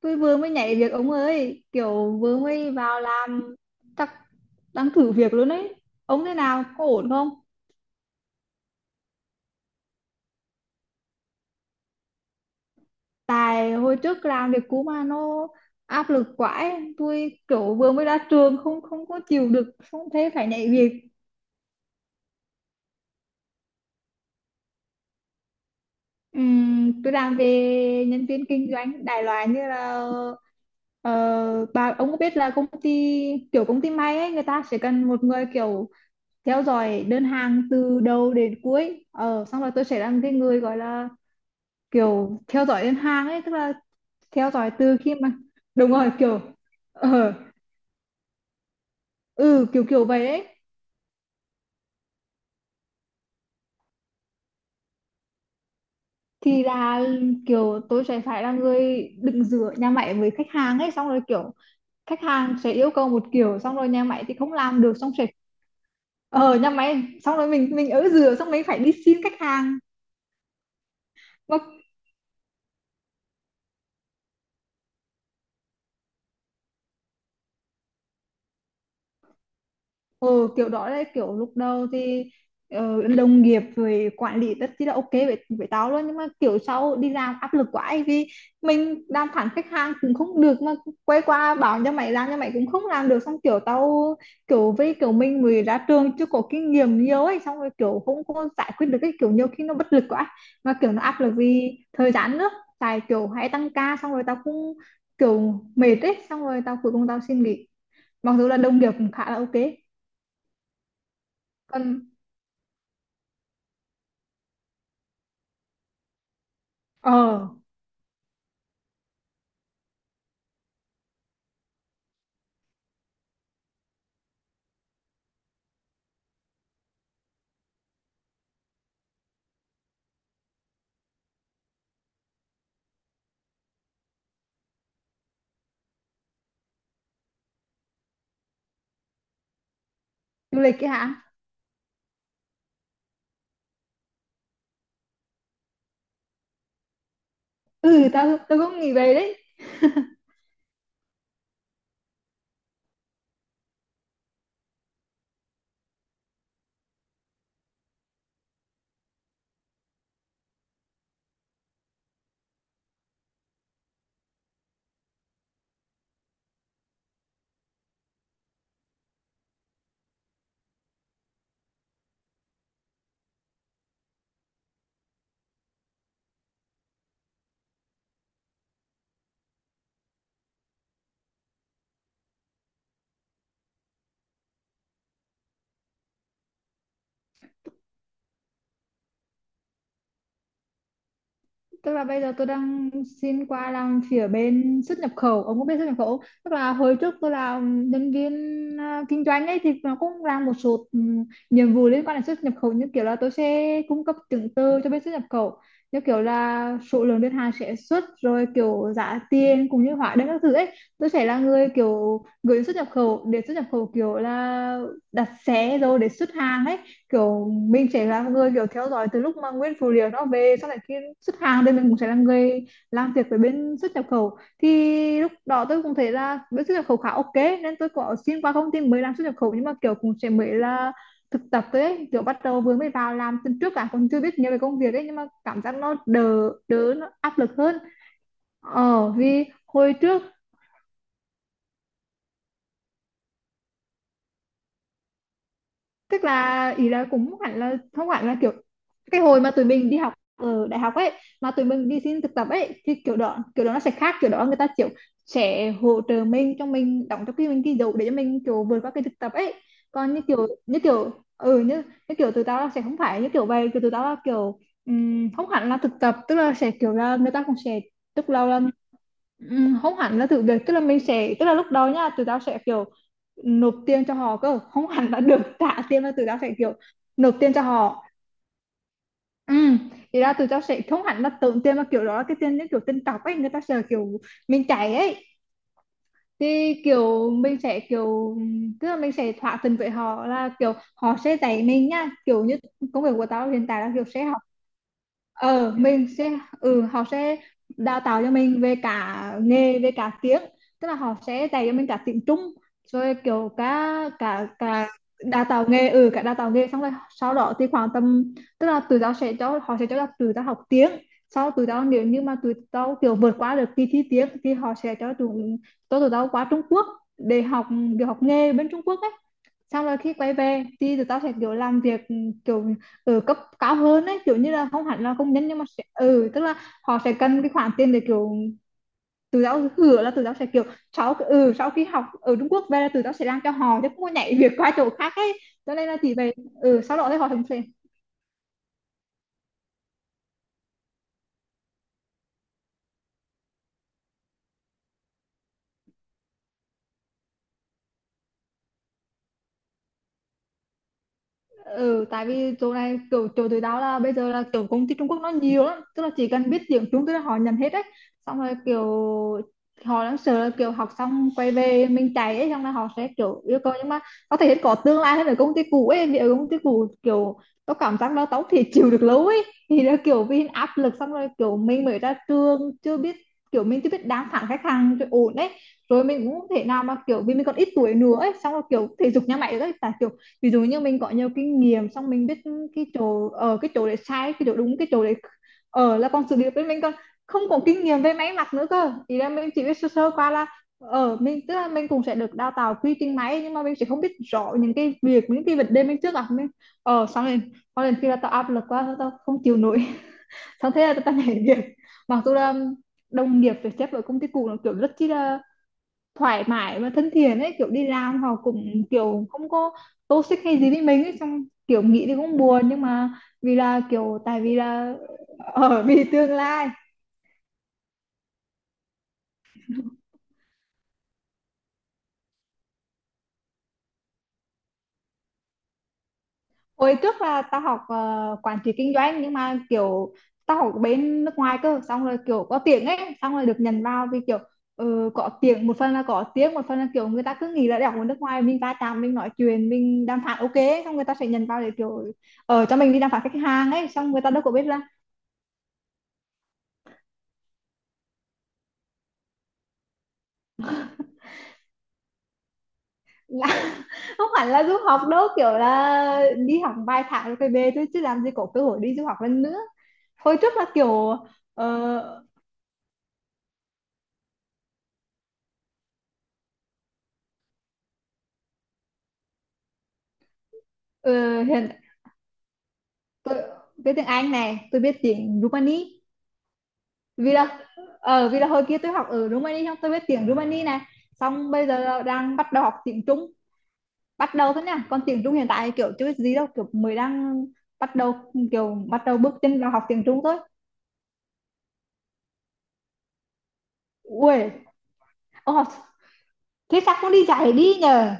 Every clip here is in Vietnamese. Tôi vừa mới nhảy việc ông ơi, kiểu vừa mới vào làm, chắc đang thử việc luôn ấy. Ông thế nào, có ổn không? Tại hồi trước làm việc cũ mà nó áp lực quá ấy. Tôi kiểu vừa mới ra trường không không có chịu được, không thế phải nhảy việc. Tôi làm về nhân viên kinh doanh, đại loại như là bà ông có biết là công ty kiểu công ty may ấy, người ta sẽ cần một người kiểu theo dõi đơn hàng từ đầu đến cuối, xong rồi tôi sẽ làm cái người gọi là kiểu theo dõi đơn hàng ấy, tức là theo dõi từ khi mà đúng rồi kiểu ờ ừ kiểu kiểu vậy ấy. Thì là kiểu tôi sẽ phải là người đứng giữa nhà máy với khách hàng ấy, xong rồi kiểu khách hàng sẽ yêu cầu một kiểu, xong rồi nhà máy thì không làm được, xong sẽ ờ nhà máy xong rồi mình ở giữa, xong mình phải đi xin khách hàng mà. Ừ, kiểu đó là kiểu lúc đầu thì đồng nghiệp rồi quản lý rất chi là ok với tao luôn, nhưng mà kiểu sau đi làm áp lực quá ấy, vì mình đàm phán khách hàng cũng không được, mà quay qua bảo cho mày làm cho mày cũng không làm được, xong kiểu tao kiểu với kiểu mình mới ra trường chưa có kinh nghiệm nhiều ấy, xong rồi kiểu không có giải quyết được cái kiểu, nhiều khi nó bất lực quá, mà kiểu nó áp lực vì thời gian nữa, tại kiểu hay tăng ca, xong rồi tao cũng kiểu mệt ấy, xong rồi tao cuối cùng tao xin nghỉ, mặc dù là đồng nghiệp cũng khá là ok còn. Ờ, du lịch ấy hả? Ừ, tao tao cũng nghĩ về đấy. Tức là bây giờ tôi đang xin qua làm phía bên xuất nhập khẩu. Ông có biết xuất nhập khẩu không? Tức là hồi trước tôi là nhân viên kinh doanh ấy, thì nó cũng làm một số nhiệm vụ liên quan đến xuất nhập khẩu, như kiểu là tôi sẽ cung cấp chứng từ cho bên xuất nhập khẩu, như kiểu là số lượng đơn hàng sẽ xuất rồi kiểu giá tiền cũng như hóa đơn các thứ ấy. Tôi sẽ là người kiểu gửi xuất nhập khẩu, để xuất nhập khẩu kiểu là đặt xe rồi để xuất hàng ấy. Kiểu mình sẽ là người kiểu theo dõi từ lúc mà nguyên phụ liệu nó về, sau này khi xuất hàng thì mình cũng sẽ là người làm việc với bên xuất nhập khẩu. Thì lúc đó tôi cũng thấy là bên xuất nhập khẩu khá ok, nên tôi có xin qua công ty mới làm xuất nhập khẩu, nhưng mà kiểu cũng sẽ mới là thực tập thôi ấy. Kiểu bắt đầu vừa mới vào làm tuần trước, cả còn chưa biết nhiều về công việc ấy, nhưng mà cảm giác nó đỡ đỡ, nó áp lực hơn. Vì hồi trước tức là ý là cũng hẳn là không hẳn là kiểu, cái hồi mà tụi mình đi học ở đại học ấy, mà tụi mình đi xin thực tập ấy, thì kiểu đó nó sẽ khác, kiểu đó người ta kiểu sẽ hỗ trợ mình, cho mình đóng cho cái mình ghi dụ để cho mình kiểu vượt qua cái thực tập ấy. Còn như kiểu ừ như như kiểu tụi tao là sẽ không phải như kiểu vậy, kiểu tụi tao là kiểu không hẳn là thực tập, tức là sẽ kiểu là người ta cũng sẽ tức là không hẳn là thử việc, tức là mình sẽ tức là lúc đó nha tụi tao sẽ kiểu nộp tiền cho họ cơ, không hẳn là được trả tiền mà tụi tao sẽ kiểu nộp tiền cho họ. Ừ, thì ra tụi tao sẽ không hẳn là tốn tiền, mà kiểu đó là cái tiền, những kiểu tiền cọc ấy, người ta sẽ kiểu mình chạy ấy, thì kiểu mình sẽ kiểu tức là mình sẽ thỏa thuận với họ là kiểu họ sẽ dạy mình nha, kiểu như công việc của tao hiện tại là kiểu sẽ ờ mình sẽ họ sẽ đào tạo cho mình về cả nghề về cả tiếng, tức là họ sẽ dạy cho mình cả tiếng Trung, rồi kiểu cả cả cả đào tạo nghề, ừ cả đào tạo nghề. Xong rồi sau đó thì khoảng tầm, tức là tụi tao sẽ cho họ sẽ cho tụi tao học tiếng, sau tụi tao nếu như mà tụi tao kiểu vượt qua được kỳ thi tiếng thì họ sẽ cho tụi tao qua Trung Quốc để học, để học nghề bên Trung Quốc ấy. Xong rồi khi quay về thì tụi tao sẽ kiểu làm việc kiểu ở cấp cao hơn ấy, kiểu như là không hẳn là công nhân, nhưng mà sẽ ừ tức là họ sẽ cần cái khoản tiền để kiểu tụi tao hứa là tụi tao sẽ kiểu sau sau khi học ở Trung Quốc về là tụi tao sẽ làm cho họ, chứ không có nhảy việc qua chỗ khác ấy, cho nên là chỉ về. Ừ sau đó thì họ cũng sẽ ừ, tại vì chỗ này kiểu chỗ tụi tao là bây giờ là kiểu công ty Trung Quốc nó nhiều lắm, tức là chỉ cần biết tiếng Trung tức là họ nhận hết đấy, xong rồi kiểu họ đang sợ là kiểu học xong quay về mình chạy ấy, xong rồi họ sẽ kiểu yêu cầu, nhưng mà có thể có tương lai hơn ở công ty cũ ấy, vì ở công ty cũ kiểu tao cảm giác là tao thì chịu được lâu ấy, thì là kiểu vì áp lực xong rồi kiểu mình mới ra trường chưa biết, kiểu mình chưa biết đáng phản khách hàng cho ổn đấy, rồi mình cũng không thể nào mà kiểu, vì mình còn ít tuổi nữa ấy, xong rồi kiểu thể dục nhà mày đấy, tại kiểu ví dụ như mình có nhiều kinh nghiệm xong mình biết cái chỗ ở cái chỗ để sai cái chỗ đúng cái chỗ để ở, là còn sự nghiệp với mình, còn không có kinh nghiệm về máy mặc nữa cơ, ý là mình chỉ biết sơ sơ qua, là ở mình tức là mình cũng sẽ được đào tạo quy trình máy, nhưng mà mình sẽ không biết rõ những cái việc, những cái vấn đề mình trước gặp mình ở, xong rồi có lần khi là tao áp lực quá tao tao không chịu nổi xong thế là tao nhảy việc, mặc dù là đồng nghiệp phải xếp ở công ty cũ nó kiểu rất chi là thoải mái và thân thiện ấy, kiểu đi làm họ cũng kiểu không có toxic hay gì với mình ấy, xong kiểu nghĩ thì cũng buồn, nhưng mà vì là kiểu tại vì là ở vì tương lai. Hồi trước là tao học quản trị kinh doanh, nhưng mà kiểu tao học bên nước ngoài cơ, xong rồi kiểu có tiếng ấy, xong rồi được nhận vào vì kiểu có tiếng một phần là có tiếng một phần là kiểu người ta cứ nghĩ là đại học ở nước ngoài mình va chạm mình nói chuyện mình đàm phán ok ấy, xong người ta sẽ nhận vào để kiểu ở cho mình đi đàm phán khách hàng ấy, xong người ta đâu có biết là không hẳn là du học đâu, kiểu là đi học vài tháng rồi phải về thôi, chứ làm gì có cơ hội đi du học lần nữa. Hồi trước là kiểu ờ, ờ, hiện tôi biết tiếng Anh này, tôi biết tiếng Rumani, vì là vì là hồi kia tôi học ở Rumani xong tôi biết tiếng Rumani này, xong bây giờ là đang bắt đầu học tiếng Trung, bắt đầu thôi nha, còn tiếng Trung hiện tại kiểu chưa biết gì đâu, kiểu mới đang bắt đầu, kiểu bắt đầu bước chân vào học tiếng Trung thôi. Ui, ông học thế sao không đi dạy đi nhờ?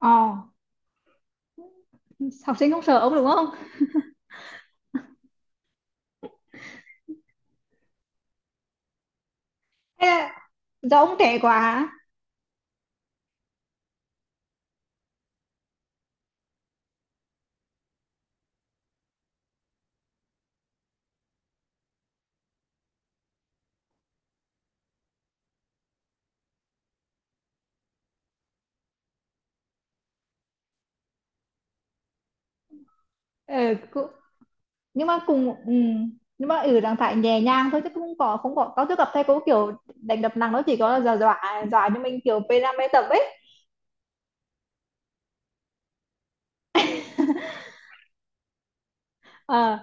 ờ Học sinh không sợ ông đúng không, hay là do ông trẻ quá? Ừ, nhưng mà cùng nhưng mà ở trạng thái nhẹ nhàng thôi, chứ không có không có có, tôi gặp thầy cô kiểu đánh đập nặng, nó chỉ có là dọa dọa cho mình kiểu p năm pê tập ấy. ờ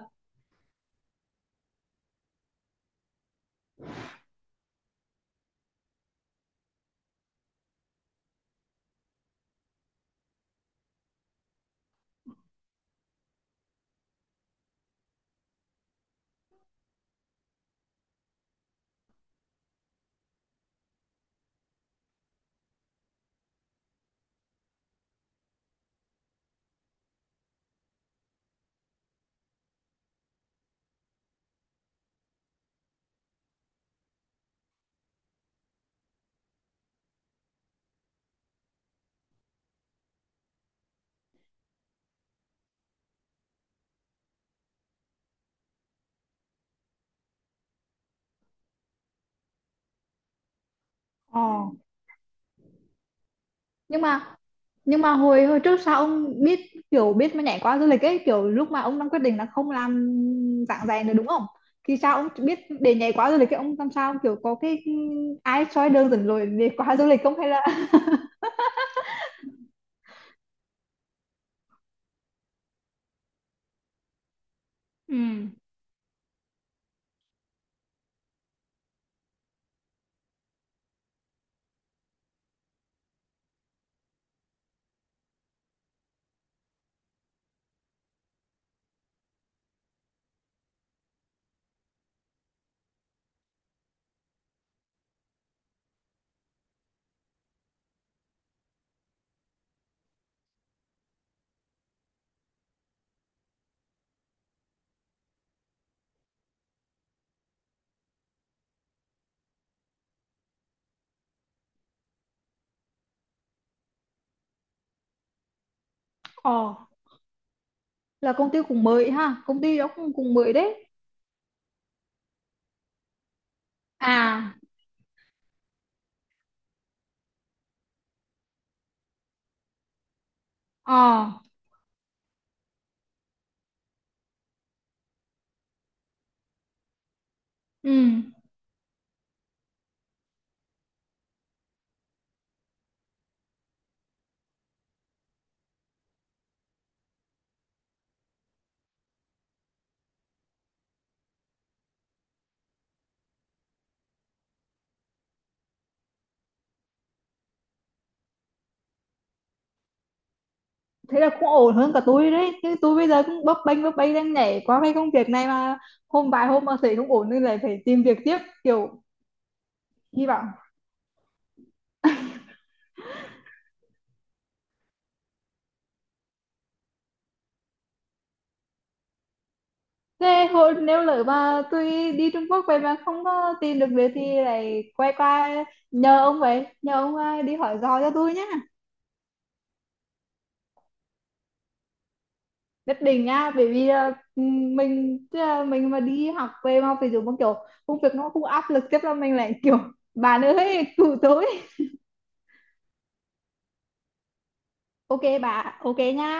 ờ. Nhưng mà, nhưng mà hồi hồi trước sao ông biết kiểu biết mà nhảy qua du lịch ấy, kiểu lúc mà ông đang quyết định là không làm giảng dạy nữa đúng không, thì sao ông biết để nhảy qua du lịch ấy, ông làm sao kiểu có cái ai soi đường dẫn lối để qua du lịch không, hay là ừ? ờ là công ty cũng mới ha, công ty đó cũng cũng mới đấy. À, ờ, ừ, thế là cũng ổn hơn cả tôi đấy chứ, tôi bây giờ cũng bấp bênh đang nhảy qua cái công việc này mà, hôm vài hôm mà thấy không ổn nên lại phải tìm việc tiếp, kiểu hy vọng. Thế hồi nếu lỡ mà tôi đi Trung Quốc về mà không có tìm được việc thì lại quay qua nhờ ông vậy, nhờ ông đi hỏi dò cho tôi nhé, nhất định á, bởi vì mình tức là mình mà đi học về mà ví dụ một kiểu công việc nó cũng áp lực, chắc là mình lại kiểu bà ơi cứu tôi. Ok bà, ok nha.